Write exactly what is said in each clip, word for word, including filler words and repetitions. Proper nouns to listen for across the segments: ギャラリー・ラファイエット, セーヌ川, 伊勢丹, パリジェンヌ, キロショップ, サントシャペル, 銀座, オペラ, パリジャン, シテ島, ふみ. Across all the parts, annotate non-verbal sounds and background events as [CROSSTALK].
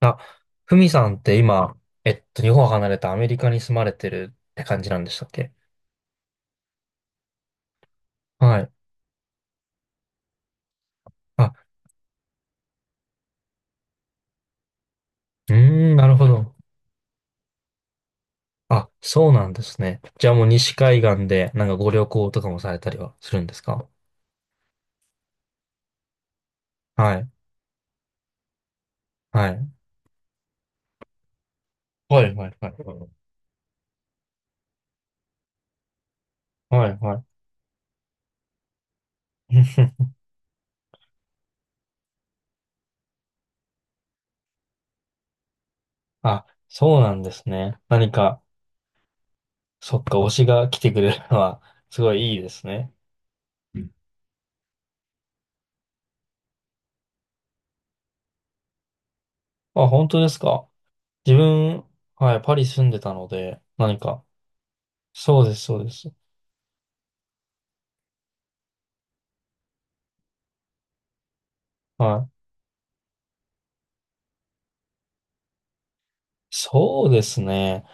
あ、ふみさんって今、えっと、日本を離れたアメリカに住まれてるって感じなんでしたっけ？はい。あ、うーん、なるほど。あ、そうなんですね。じゃあもう西海岸でなんかご旅行とかもされたりはするんですか？はい。はい。はいはいはい。はいはい。[LAUGHS] あ、そうなんですね。何か、そっか、推しが来てくれるのは、すごいいいですね。うん。あ、本当ですか。自分、はい、パリ住んでたので、何か、そうです、そうです。はい。そうですね。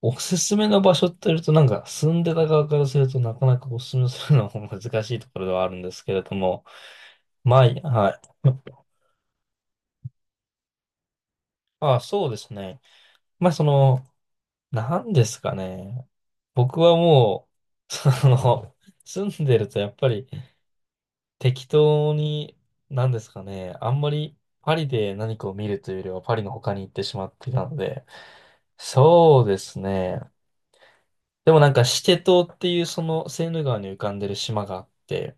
おすすめの場所って言うと、なんか住んでた側からするとなかなかおすすめするのも難しいところではあるんですけれども、まあ、いはい。ああ、そうですね。まあ、その、なんですかね。僕はもう、その、住んでるとやっぱり適当に、なんですかね。あんまりパリで何かを見るというよりはパリの他に行ってしまっていたので、そうですね。でもなんかシテ島っていうそのセーヌ川に浮かんでる島があって、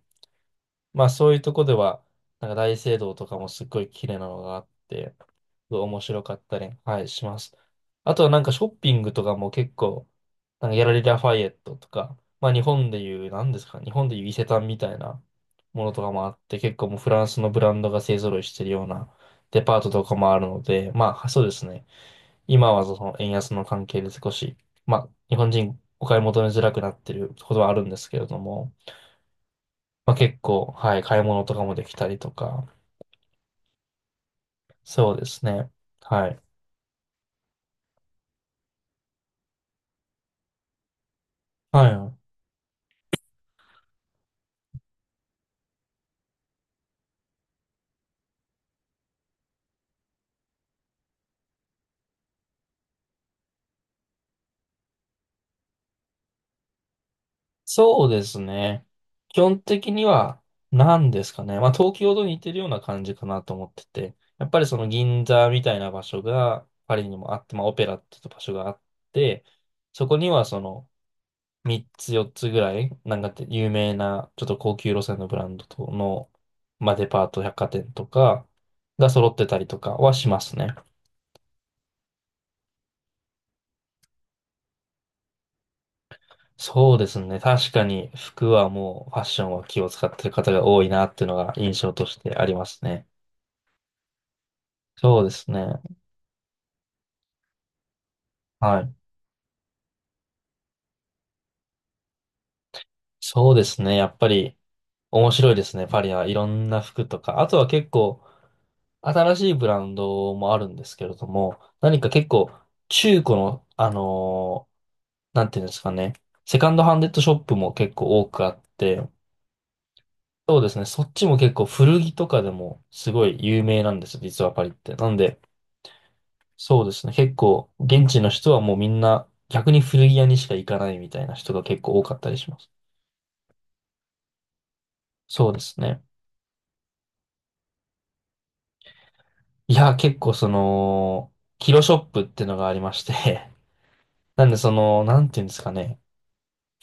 まあそういうとこでは、なんか大聖堂とかもすっごい綺麗なのがあって、すごい面白かったり、はい、します。あとはなんかショッピングとかも結構、なんかギャラリー・ラファイエットとか、まあ日本でいう、なんですか、日本でいう伊勢丹みたいなものとかもあって、結構もうフランスのブランドが勢揃いしてるようなデパートとかもあるので、まあそうですね。今はその円安の関係で少し、まあ、日本人お買い求めづらくなってることはあるんですけれども、まあ、結構、はい、買い物とかもできたりとか、そうですね。はい。はい。そうですね。基本的には、何ですかね。まあ、東京と似てるような感じかなと思ってて、やっぱりその銀座みたいな場所がパリにもあって、まあ、オペラっていう場所があって、そこにはその、みっつよっつぐらい、なんかって有名な、ちょっと高級路線のブランドとの、まあ、デパート百貨店とかが揃ってたりとかはしますね。そうですね。確かに服はもうファッションは気を使ってる方が多いなっていうのが印象としてありますね。そうですね。はい。そうですね。やっぱり面白いですね。パリはいろんな服とか。あとは結構新しいブランドもあるんですけれども、何か結構中古の、あのーなんていうんですかね。セカンドハンデッドショップも結構多くあって、そうですね。そっちも結構古着とかでもすごい有名なんですよ。実はパリって。なんで、そうですね。結構現地の人はもうみんな逆に古着屋にしか行かないみたいな人が結構多かったりします。そうですね。いや、結構その、キロショップってのがありまして。 [LAUGHS] なんでその、なんていうんですかね。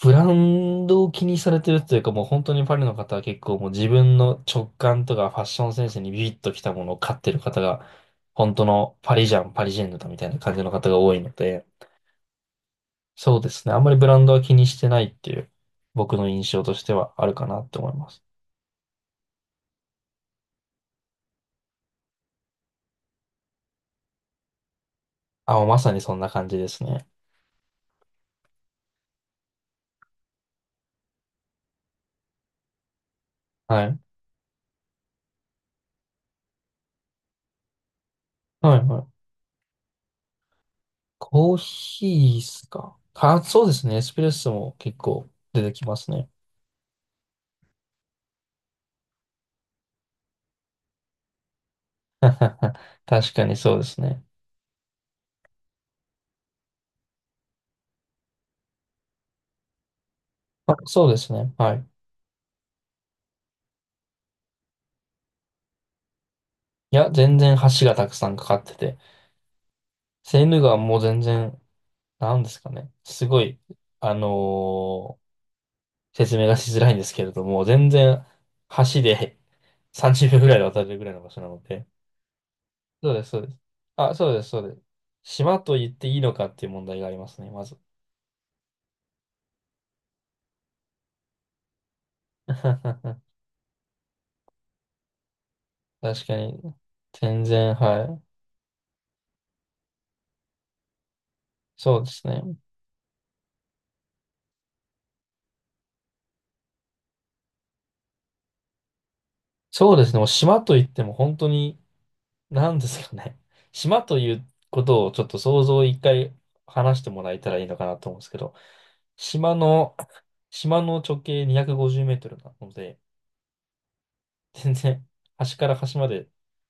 ブランドを気にされてるというか、もう本当にパリの方は結構もう自分の直感とかファッションセンスにビビッときたものを買ってる方が、本当のパリジャン、パリジェンヌだみたいな感じの方が多いので、そうですね。あんまりブランドは気にしてないっていう僕の印象としてはあるかなって思います。あ、もうまさにそんな感じですね。はい。はいはい。コーヒーっすか。か、そうですね。エスプレッソも結構出てきますね。[LAUGHS] 確かにそうですね。あ、そうですね。はい。いや、全然橋がたくさんかかってて、セーヌ川も全然、なんですかね。すごい、あのー説明がしづらいんですけれども、全然橋で [LAUGHS] さんじゅうびょうぐらいで渡れるぐらいの場所なので。そうです、そうです。あ、そうです、そうです。島と言っていいのかっていう問題がありますね、まず。[LAUGHS] 確かに。全然、はい。そうですね。そうですね。もう島といっても本当になんですかね。島ということをちょっと想像を一回話してもらえたらいいのかなと思うんですけど、島の、島の直径にひゃくごじゅうメートルなので、全然端から端まで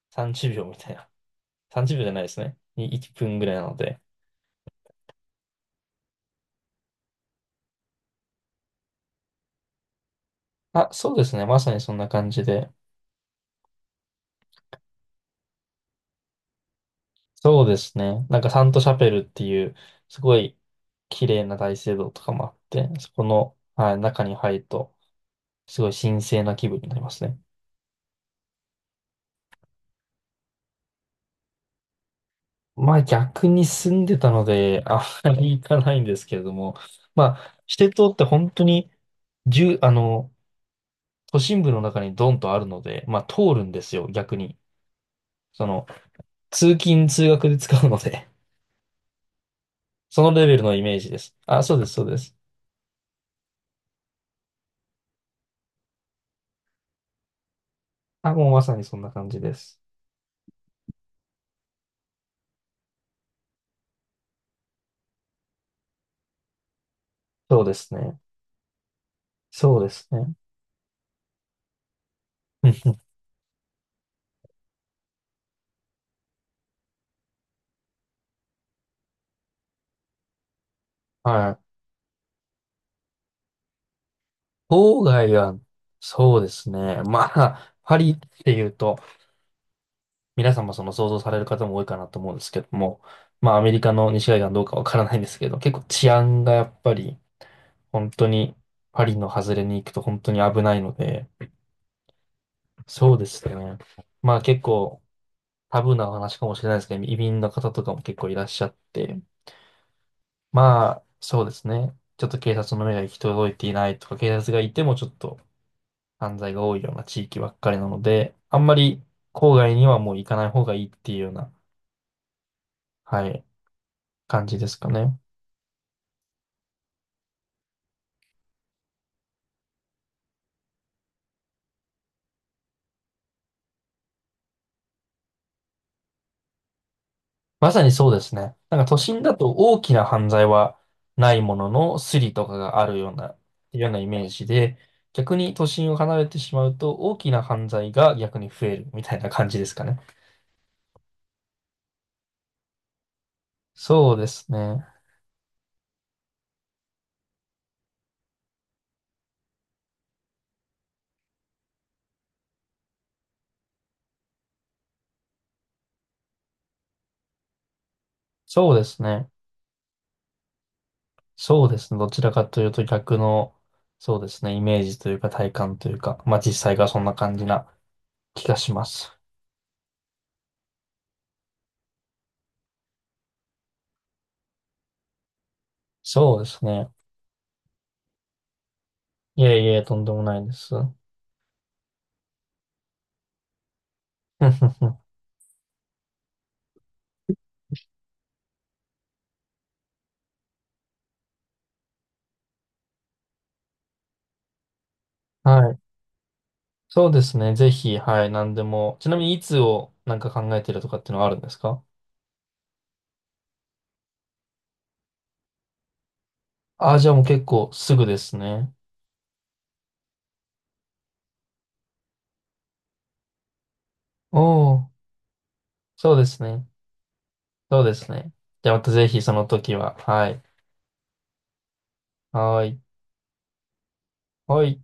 さんじゅうびょうみたいな。さんじゅうびょうじゅうびょうじゃないですね。にいっぷんぐらいなので。あ、そうですね。まさにそんな感じで。そうですね。なんかサントシャペルっていう、すごい綺麗な大聖堂とかもあって、そこの、はい、中に入ると、すごい神聖な気分になりますね。まあ逆に住んでたので、あまり行かないんですけれども、まあ、シテ島って本当に、住あの、都心部の中にドンとあるので、まあ通るんですよ、逆に。その、通勤通学で使うので、[LAUGHS] そのレベルのイメージです。あ、そうです、そうです。あ、もうまさにそんな感じです。そうですね。そうですね。うんうん。はい。郊外は、そうですね。まあ、パリっていうと、皆さんもその想像される方も多いかなと思うんですけども、まあアメリカの西海岸どうかわからないんですけど、結構治安がやっぱり本当にパリの外れに行くと本当に危ないので、そうですね。まあ結構タブーな話かもしれないですけど、移民の方とかも結構いらっしゃって、まあそうですね。ちょっと警察の目が行き届いていないとか、警察がいてもちょっと犯罪が多いような地域ばっかりなので、あんまり郊外にはもう行かない方がいいっていうような、はい、感じですかね。まさにそうですね。なんか都心だと大きな犯罪はないもののスリとかがあるような、いうようなイメージで、逆に都心を離れてしまうと大きな犯罪が逆に増えるみたいな感じですかね。そうですね。そうですね。そうですね。どちらかというと逆の、そうですね。イメージというか体感というか、まあ実際がそんな感じな気がします。そうですね。いえいえ、とんでもないです。[LAUGHS] はい。そうですね。ぜひ、はい、何でも。ちなみに、いつをなんか考えてるとかっていうのはあるんですか？ああ、じゃあもう結構すぐですね。おお、そうですね。そうですね。じゃあまたぜひその時は、はい。はい。はい。